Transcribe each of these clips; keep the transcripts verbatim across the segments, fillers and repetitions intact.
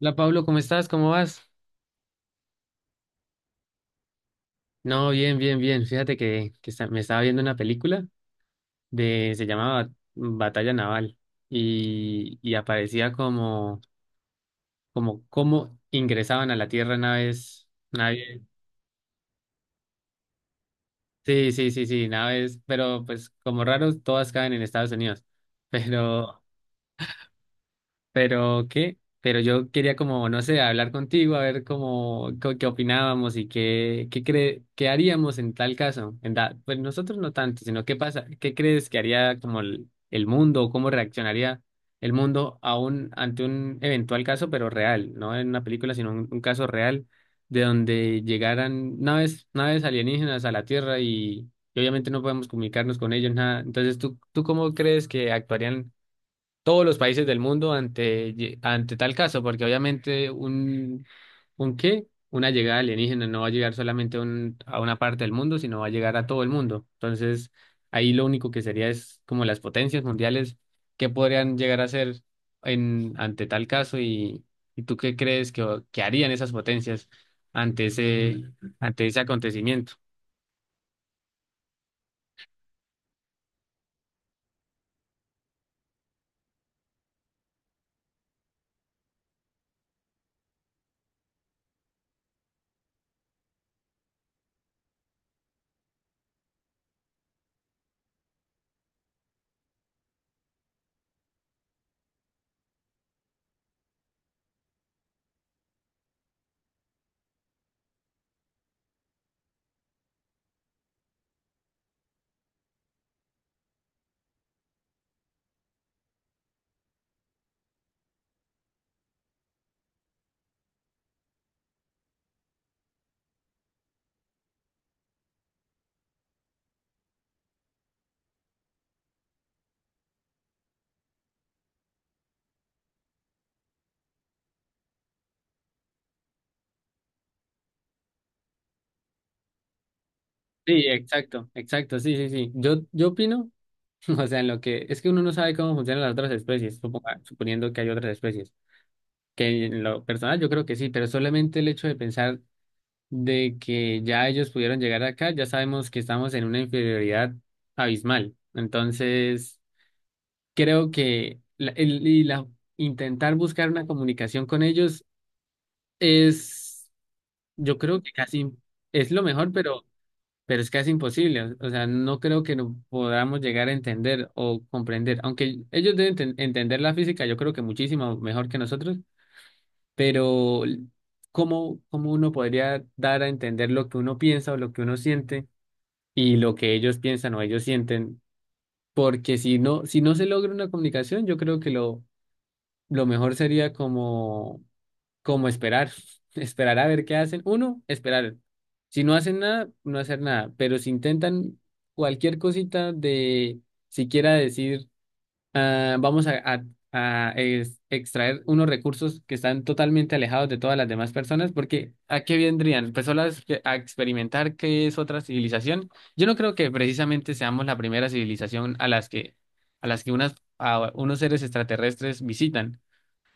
Hola Pablo, ¿cómo estás? ¿Cómo vas? No, bien, bien, bien. Fíjate que, que esta- me estaba viendo una película de, se llamaba Bat- Batalla Naval y, y aparecía como, como cómo ingresaban a la Tierra naves, naves, sí, sí, sí, sí, naves, pero pues como raros todas caen en Estados Unidos, pero, Pero qué, pero yo quería como, no sé, hablar contigo, a ver cómo, co- qué opinábamos y qué, qué cre- qué haríamos en tal caso. En da- pues nosotros no tanto, sino qué pasa, qué crees que haría como el, el mundo o cómo reaccionaría el mundo a un ante un eventual caso, pero real, no en una película, sino un, un caso real de donde llegaran naves, naves alienígenas a la Tierra y, y obviamente no podemos comunicarnos con ellos, nada. Entonces, ¿tú, tú cómo crees que actuarían todos los países del mundo ante, ante tal caso? Porque obviamente un, un qué, una llegada alienígena no va a llegar solamente a un- a una parte del mundo, sino va a llegar a todo el mundo. Entonces, ahí lo único que sería es como las potencias mundiales, qué podrían llegar a hacer en, ante tal caso y, y tú qué crees que, que harían esas potencias ante ese, ante ese acontecimiento. Sí, exacto, exacto, sí, sí, sí. Yo, yo opino. O sea, en lo que es que uno no sabe cómo funcionan las otras especies, suponga- suponiendo que hay otras especies, que en lo personal yo creo que sí, pero solamente el hecho de pensar de que ya ellos pudieron llegar acá, ya sabemos que estamos en una inferioridad abismal. Entonces, creo que la- el, y la- intentar buscar una comunicación con ellos es, yo creo que casi es lo mejor, pero pero es casi imposible. O sea, no creo que no podamos llegar a entender o comprender, aunque ellos deben ten- entender la física, yo creo que muchísimo mejor que nosotros, pero ¿cómo, cómo uno podría dar a entender lo que uno piensa o lo que uno siente y lo que ellos piensan o ellos sienten? Porque si no, si no se logra una comunicación, yo creo que lo, lo mejor sería como como esperar, esperar a ver qué hacen. Uno, esperar. Si no hacen nada, no hacer nada. Pero si intentan cualquier cosita de siquiera decir, ah, vamos a, a- a ex- extraer unos recursos que están totalmente alejados de todas las demás personas, porque ¿a qué vendrían? Personas que- a expe- a experimentar qué es otra civilización. Yo no creo que precisamente seamos la primera civilización a las que, a las que unas, a unos seres extraterrestres visitan,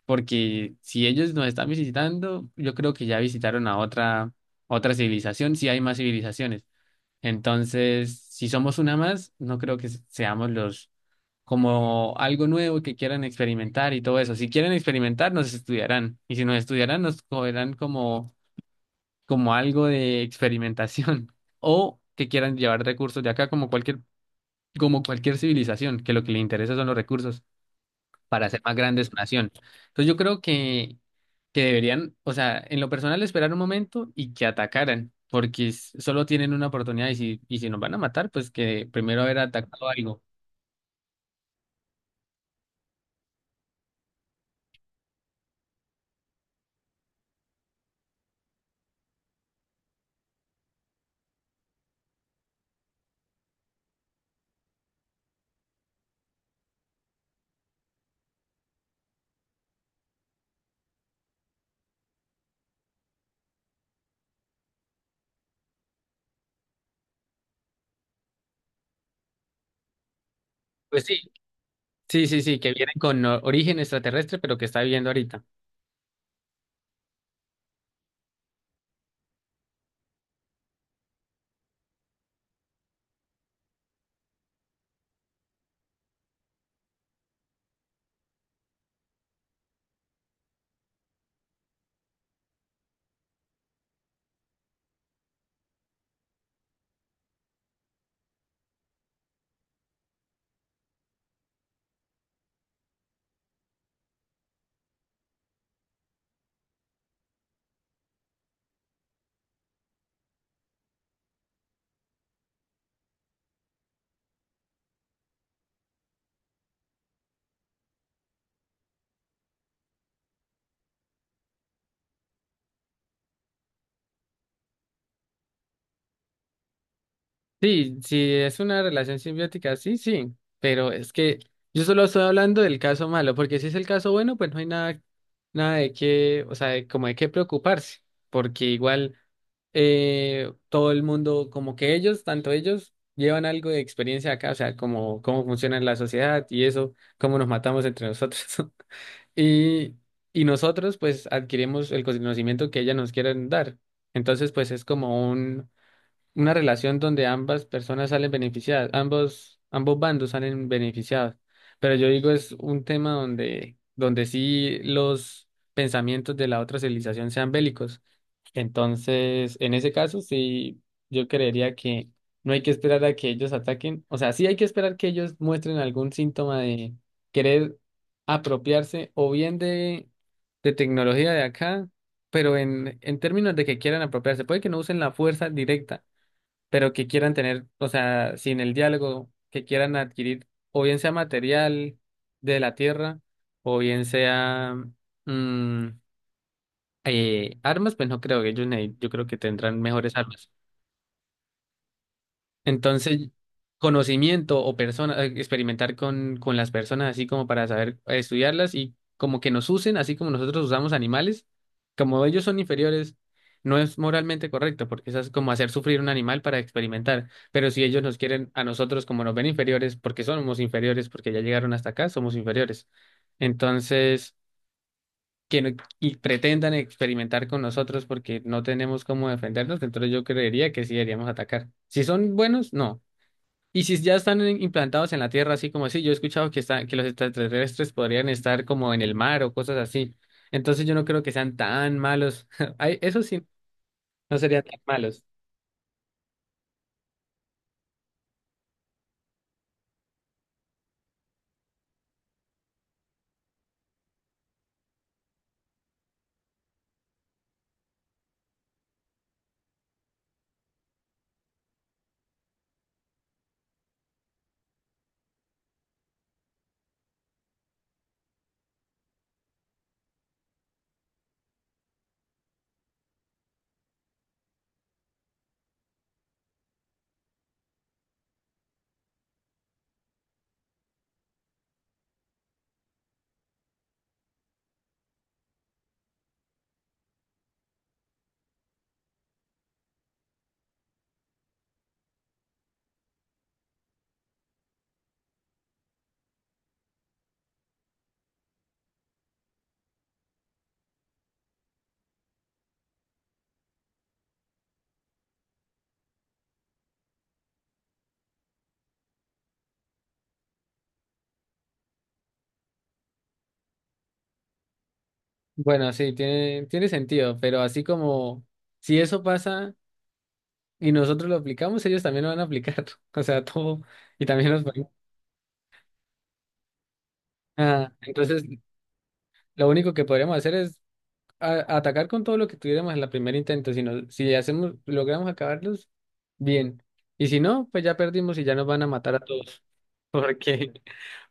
porque si ellos nos están visitando, yo creo que ya visitaron a otra, otra civilización, si hay más civilizaciones. Entonces, si somos una más, no creo que se- seamos los como algo nuevo que quieran experimentar y todo eso. Si quieren experimentar, nos estudiarán. Y si nos estudiarán, nos cogerán como, como algo de experimentación. O que quieran llevar recursos de acá como cualquier, como cualquier civilización, que lo que le interesa son los recursos para hacer más grande su nación. Entonces yo creo que, que deberían, o sea, en lo personal esperar un momento y que atacaran, porque s- solo tienen una oportunidad y si, y si nos van a matar, pues que primero haber atacado algo. Pues sí, sí, sí, sí, que vienen con o- origen extraterrestre, pero que está viviendo ahorita. Sí, sí, es una relación simbiótica, sí, sí, pero es que yo solo estoy hablando del caso malo, porque si es el caso bueno, pues no hay nada, nada de qué, o sea, de- como de qué preocuparse, porque igual... Eh, todo el mundo, como que ellos, tanto ellos, llevan algo de experiencia acá, o sea, como cómo funciona la sociedad y eso, cómo nos matamos entre nosotros. Y, y nosotros, pues, adquirimos el conocimiento que ellas nos quieren dar. Entonces, pues, es como un una relación donde ambas personas salen beneficiadas, ambos, ambos bandos salen beneficiados. Pero yo digo, es un tema donde, donde sí los pensamientos de la otra civilización sean bélicos. Entonces, en ese caso, sí, yo creería que no hay que esperar a que ellos ataquen. O sea, sí hay que esperar que ellos muestren algún síntoma de querer apropiarse o bien de, de tecnología de acá, pero en, en términos de que quieran apropiarse, puede que no usen la fuerza directa pero que quieran tener, o sea, sin el diálogo, que quieran adquirir, o bien sea material de la tierra, o bien sea mm, eh, armas, pues no creo que ellos, ne- yo creo que tendrán mejores armas. Entonces, conocimiento o persona, eh, experimentar con, con las personas así como para saber eh, estudiarlas y como que nos usen, así como nosotros usamos animales, como ellos son inferiores, no es moralmente correcto, porque eso es como hacer sufrir un animal para experimentar. Pero si ellos nos quieren a nosotros como nos ven inferiores, porque somos inferiores, porque ya llegaron hasta acá, somos inferiores. Entonces, que no- y pretendan experimentar con nosotros porque no tenemos cómo defendernos, entonces yo creería que sí deberíamos atacar. Si son buenos, no. Y si ya están en- implantados en la Tierra, así como así, yo he escuchado que, están, que los extraterrestres podrían estar como en el mar o cosas así. Entonces yo no creo que sean tan malos. Ay, eso sí, no serían tan malos. Bueno, sí, tiene, tiene sentido, pero así como si eso pasa y nosotros lo aplicamos, ellos también lo van a aplicar. O sea, todo. Y también los van a- entonces, lo único que podríamos hacer es a- atacar con todo lo que tuviéramos en la primera intento, sino si hacemos, logramos acabarlos, bien. Y si no, pues ya perdimos y ya nos van a matar a todos. Porque,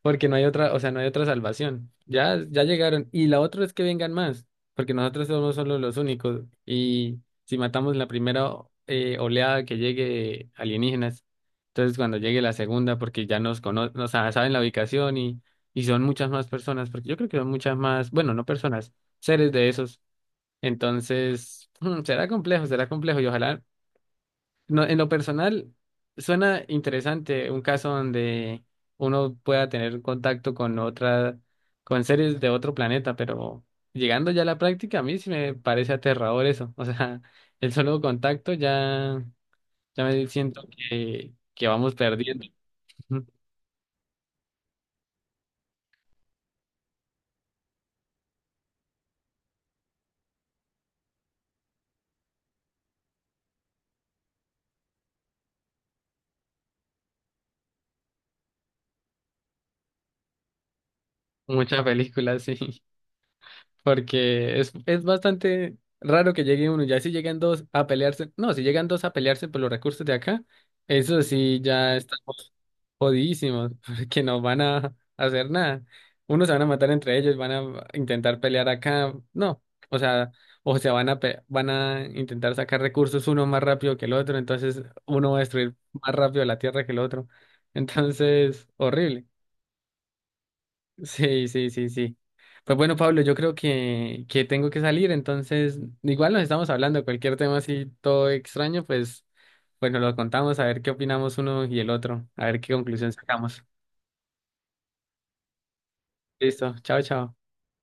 porque no hay otra, o sea, no hay otra salvación. Ya, ya llegaron. Y la otra es que vengan más, porque nosotros somos solo los únicos. Y si matamos la primera eh, oleada que llegue de alienígenas, entonces cuando llegue la segunda, porque ya nos conocen, o sea, saben la ubicación y, y son muchas más personas, porque yo creo que son muchas más, bueno, no personas, seres de esos. Entonces, mm, será complejo, será complejo y ojalá, no, en lo personal, suena interesante un caso donde uno pueda tener contacto con otra, con seres de otro planeta, pero llegando ya a la práctica, a mí sí me parece aterrador eso. O sea, el solo contacto ya, ya me siento que, que vamos perdiendo. Muchas películas, sí. Porque es, es bastante raro que llegue uno. Ya si llegan dos a pelearse, no, si llegan dos a pelearse por los recursos de acá, eso sí ya estamos jodidísimos, porque no van a hacer nada. Unos se van a matar entre ellos, van a intentar pelear acá, no, o sea, o se van a pe- van a intentar sacar recursos uno más rápido que el otro, entonces uno va a destruir más rápido la tierra que el otro. Entonces, horrible. Sí, sí, sí, sí. Pues bueno, Pablo, yo creo que, que tengo que salir, entonces igual nos estamos hablando, cualquier tema así todo extraño, pues, pues nos lo contamos, a ver qué opinamos uno y el otro, a ver qué conclusión sacamos. Listo, chao, chao.